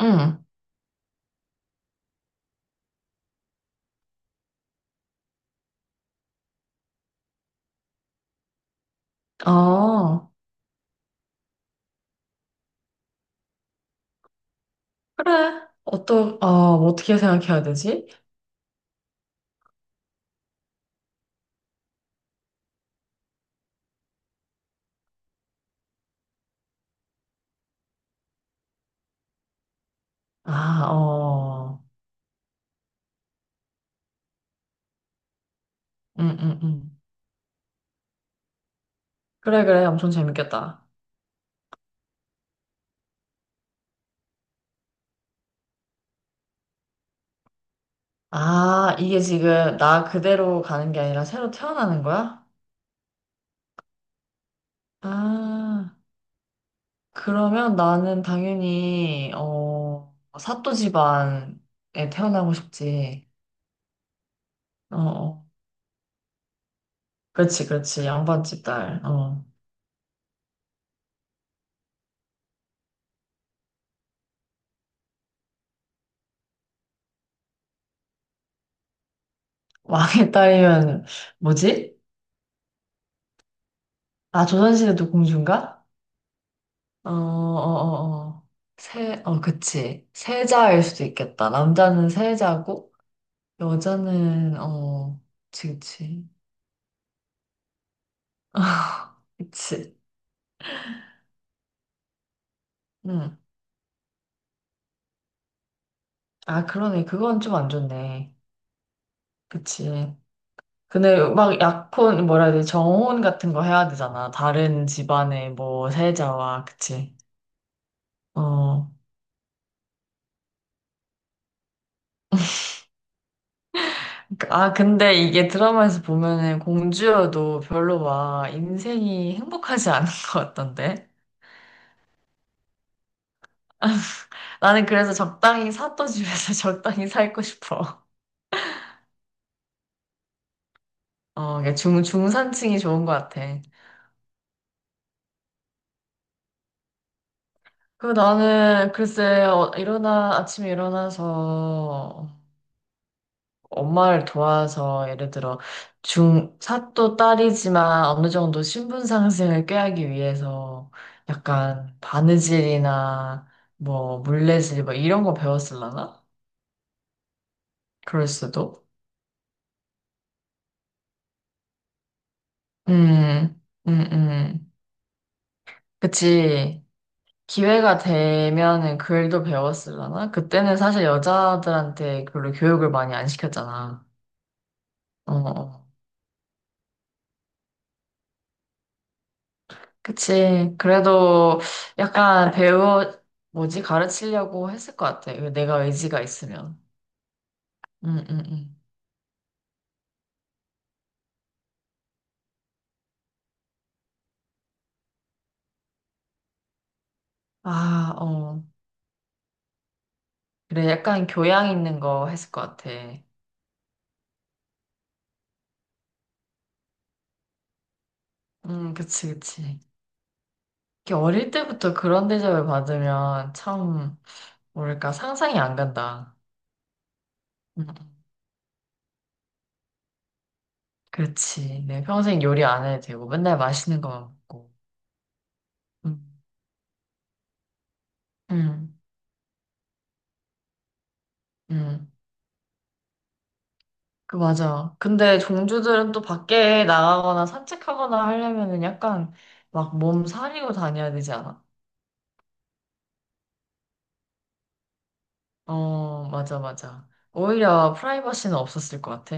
응. 어, 그래. 어떻게 생각해야 되지? 아, 어. 응, 응, 응. 그래, 그래. 엄청 재밌겠다. 아, 이게 지금 나 그대로 가는 게 아니라 새로 태어나는 거야? 아, 그러면 나는 당연히, 어, 사또 집안에 태어나고 싶지. 어, 어. 그렇지, 그렇지. 양반집 딸. 어. 왕의 딸이면, 뭐지? 아, 조선시대도 공주인가? 어, 어, 어, 어. 그치. 세자일 수도 있겠다. 남자는 세자고, 여자는, 어, 그치, 그치. 그치. 응. 아, 그러네. 그건 좀 안 좋네. 그치. 근데 막 약혼, 뭐라 해야 되지? 정혼 같은 거 해야 되잖아. 다른 집안의 뭐, 세자와, 그치. 어. 그러니까- 아, 근데 이게 드라마에서 보면은 공주여도 별로 막 인생이 행복하지 않은 것 같던데. 나는 그래서 적당히 샀던 집에서 적당히 살고 싶어. 어, 이게 중산층이 좋은 것 같아. 그리고 나는 글쎄, 어, 아침에 일어나서 엄마를 도와서 예를 들어 사또 딸이지만 어느 정도 신분 상승을 꾀하기 위해서 약간 바느질이나 뭐 물레질 뭐 이런 거 배웠을라나? 그럴 수도. 음, 음, 음. 그치. 기회가 되면은 글도 배웠을려나 그때는 사실 여자들한테 별로 교육을 많이 안 시켰잖아. 어, 어. 어. 그치. 그래도 약간 배우, 뭐지, 가르치려고 했을 것 같아. 내가 의지가 있으면. 응, 응, 응. 아, 어. 그래, 약간 교양 있는 거 했을 것 같아. 응, 그치, 그치. 이렇게 어릴 때부터 그런 대접을 받으면 참, 뭐랄까, 상상이 안 간다. 응. 그렇지. 내 평생 요리 안 해도 되고, 맨날 맛있는 거만 먹고. 음, 음, 음. 그, 맞아. 근데 종주들은 또 밖에 나가거나 산책하거나 하려면은 약간 막 몸 사리고 다녀야 되지 않아? 어, 맞아, 맞아. 오히려 프라이버시는 없었을 것 같아.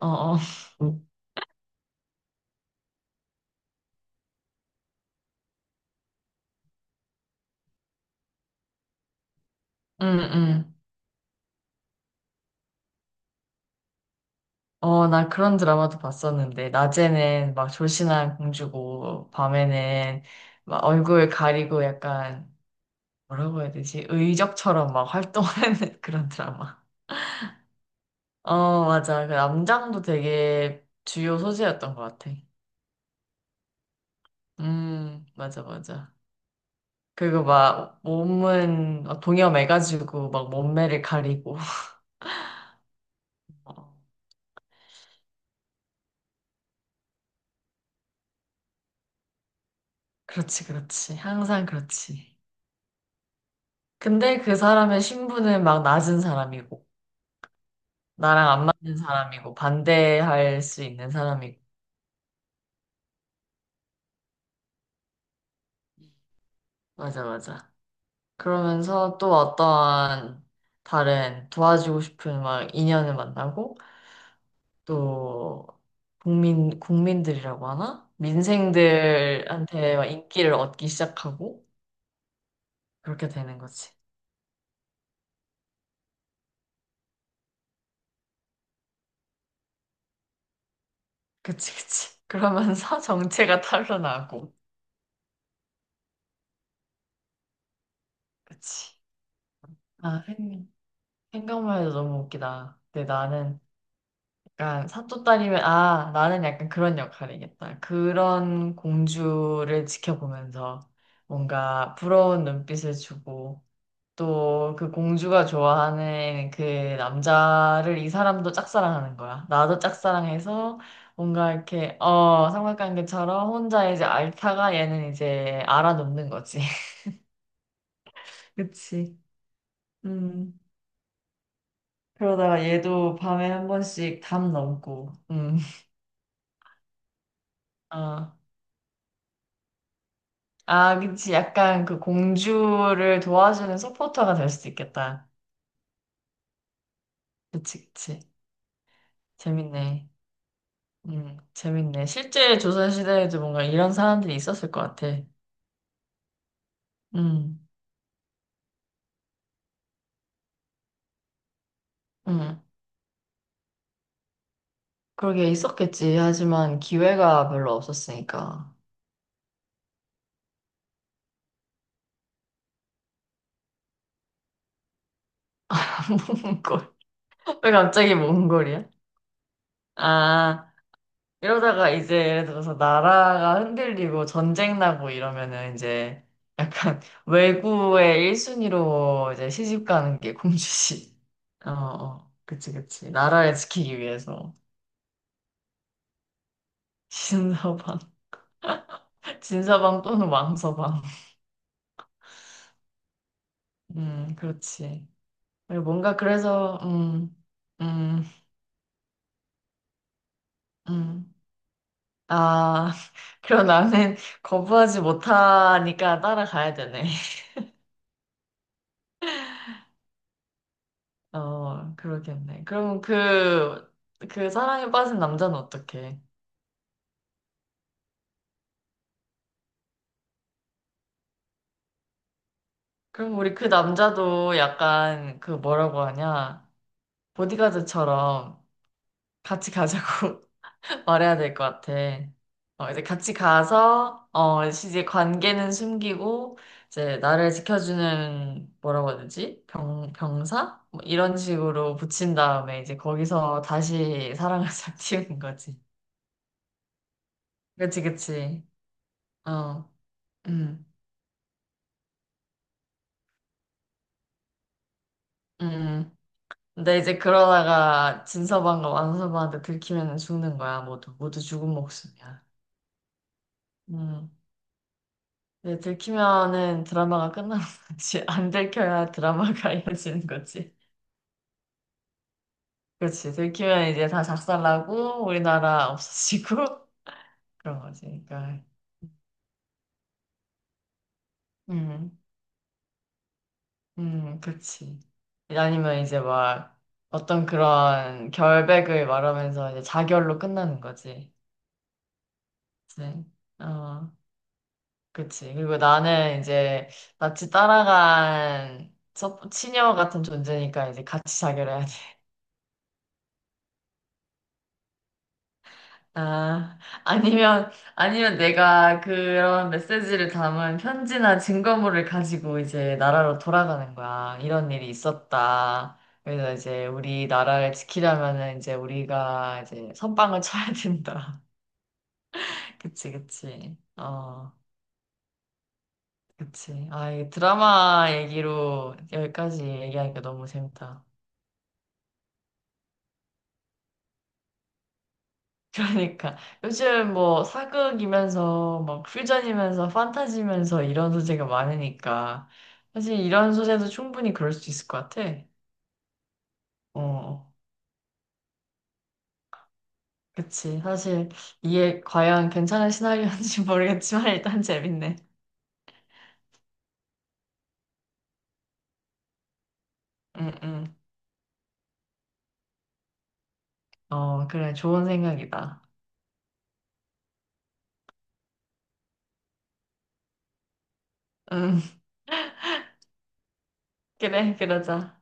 어, 어. 응, 응. 어, 나 그런 드라마도 봤었는데, 낮에는 막 졸신한 공주고, 밤에는 막 얼굴 가리고 약간 뭐라고 해야 되지? 의적처럼 막 활동하는 그런 드라마. 어, 맞아. 그 남장도 되게 주요 소재였던 것 같아. 맞아, 맞아. 그리고 막 몸은 막 동여매가지고 막 몸매를 가리고. 어, 그렇지, 그렇지. 항상 그렇지. 근데 그 사람의 신분은 막 낮은 사람이고, 나랑 안 맞는 사람이고, 반대할 수 있는 사람이고. 맞아, 맞아. 그러면서 또 어떠한 다른 도와주고 싶은 막 인연을 만나고 또 국민들이라고 하나? 민생들한테 막 인기를 얻기 시작하고 그렇게 되는 거지. 그치 그치. 그러면서 정체가 탄로나고 그치. 아 생- 생각만 해도 너무 웃기다. 근데 나는 약간 사또딸이면 아 나는 약간 그런 역할이겠다. 그런 공주를 지켜보면서 뭔가 부러운 눈빛을 주고 또 그 공주가 좋아하는 그 남자를 이 사람도 짝사랑하는 거야. 나도 짝사랑해서 뭔가 이렇게 어 삼각관계처럼 혼자 이제 앓다가 얘는 이제 알아놓는 거지. 그치. 음. 그러다가 얘도 밤에 한 번씩 담 넘고. 음. 어. 아, 그치. 약간 그 공주를 도와주는 서포터가 될 수 있겠다. 그치, 그치. 재밌네. 재밌네. 실제 조선시대에도 뭔가 이런 사람들이 있었을 것 같아. 음, 음. 그러게 있었겠지. 하지만 기회가 별로 없었으니까. 몽골. 왜 갑자기 몽골이야? 아. 이러다가 이제 예를 들어서 나라가 흔들리고 전쟁 나고 이러면은 이제 약간 외국의 1순위로 이제 시집 가는 게 공주시. 어, 어. 그치, 그치. 나라를 지키기 위해서. 진서방. 진서방 또는 왕서방. 그렇지. 그리고 뭔가 그래서, 음, 음. 아, 그럼 나는 거부하지 못하니까 따라가야 되네. 어, 그러겠네. 그럼 그 사랑에 빠진 남자는 어떡해? 그럼 우리 그 남자도 약간 그 뭐라고 하냐? 보디가드처럼 같이 가자고 말해야 될 것 같아. 어, 이제 같이 가서, 어, 이제 관계는 숨기고, 이제 나를 지켜주는 뭐라고 해야 되지? 병사? 뭐 이런 식으로 붙인 다음에 이제 거기서 다시 사랑을 싹 틔우는 거지. 그치, 그치. 어, 음. 음. 근데 이제 그러다가 진서방과 완서방한테 들키면 죽는 거야. 모두 죽은 목숨이야. 음. 근데 들키면은 드라마가 끝나는 거지. 안 들켜야 드라마가 이어지는 거지. 그렇지. 들키면 이제 다 작살나고 우리나라 없어지고 그런 거지. 그러니까 음, 그렇지. 아니면 이제 막 어떤 그런 결백을 말하면서 이제 자결로 끝나는 거지. 그치? 어. 그치. 그리고 나는 이제 친녀 같은 존재니까 이제 같이 자결 해야 돼. 아, 아니면, 아니면 내가 그런 메시지를 담은 편지나 증거물을 가지고 이제 나라로 돌아가는 거야. 이런 일이 있었다. 그래서 이제 우리 나라를 지키려면은 이제 우리가 이제 선빵을 쳐야 된다. 그치, 그치. 어, 그치. 아, 이 드라마 얘기로 여기까지 얘기하니까 너무 재밌다. 그러니까 요즘 뭐 사극이면서 막 퓨전이면서 판타지면서 이런 소재가 많으니까 사실 이런 소재도 충분히 그럴 수 있을 것 같아. 어, 그치. 사실 이게 과연 괜찮은 시나리오인지 모르겠지만 일단 재밌네. 응, 응. 어, 그래. 좋은 생각이다. 응, 그래, 그러자.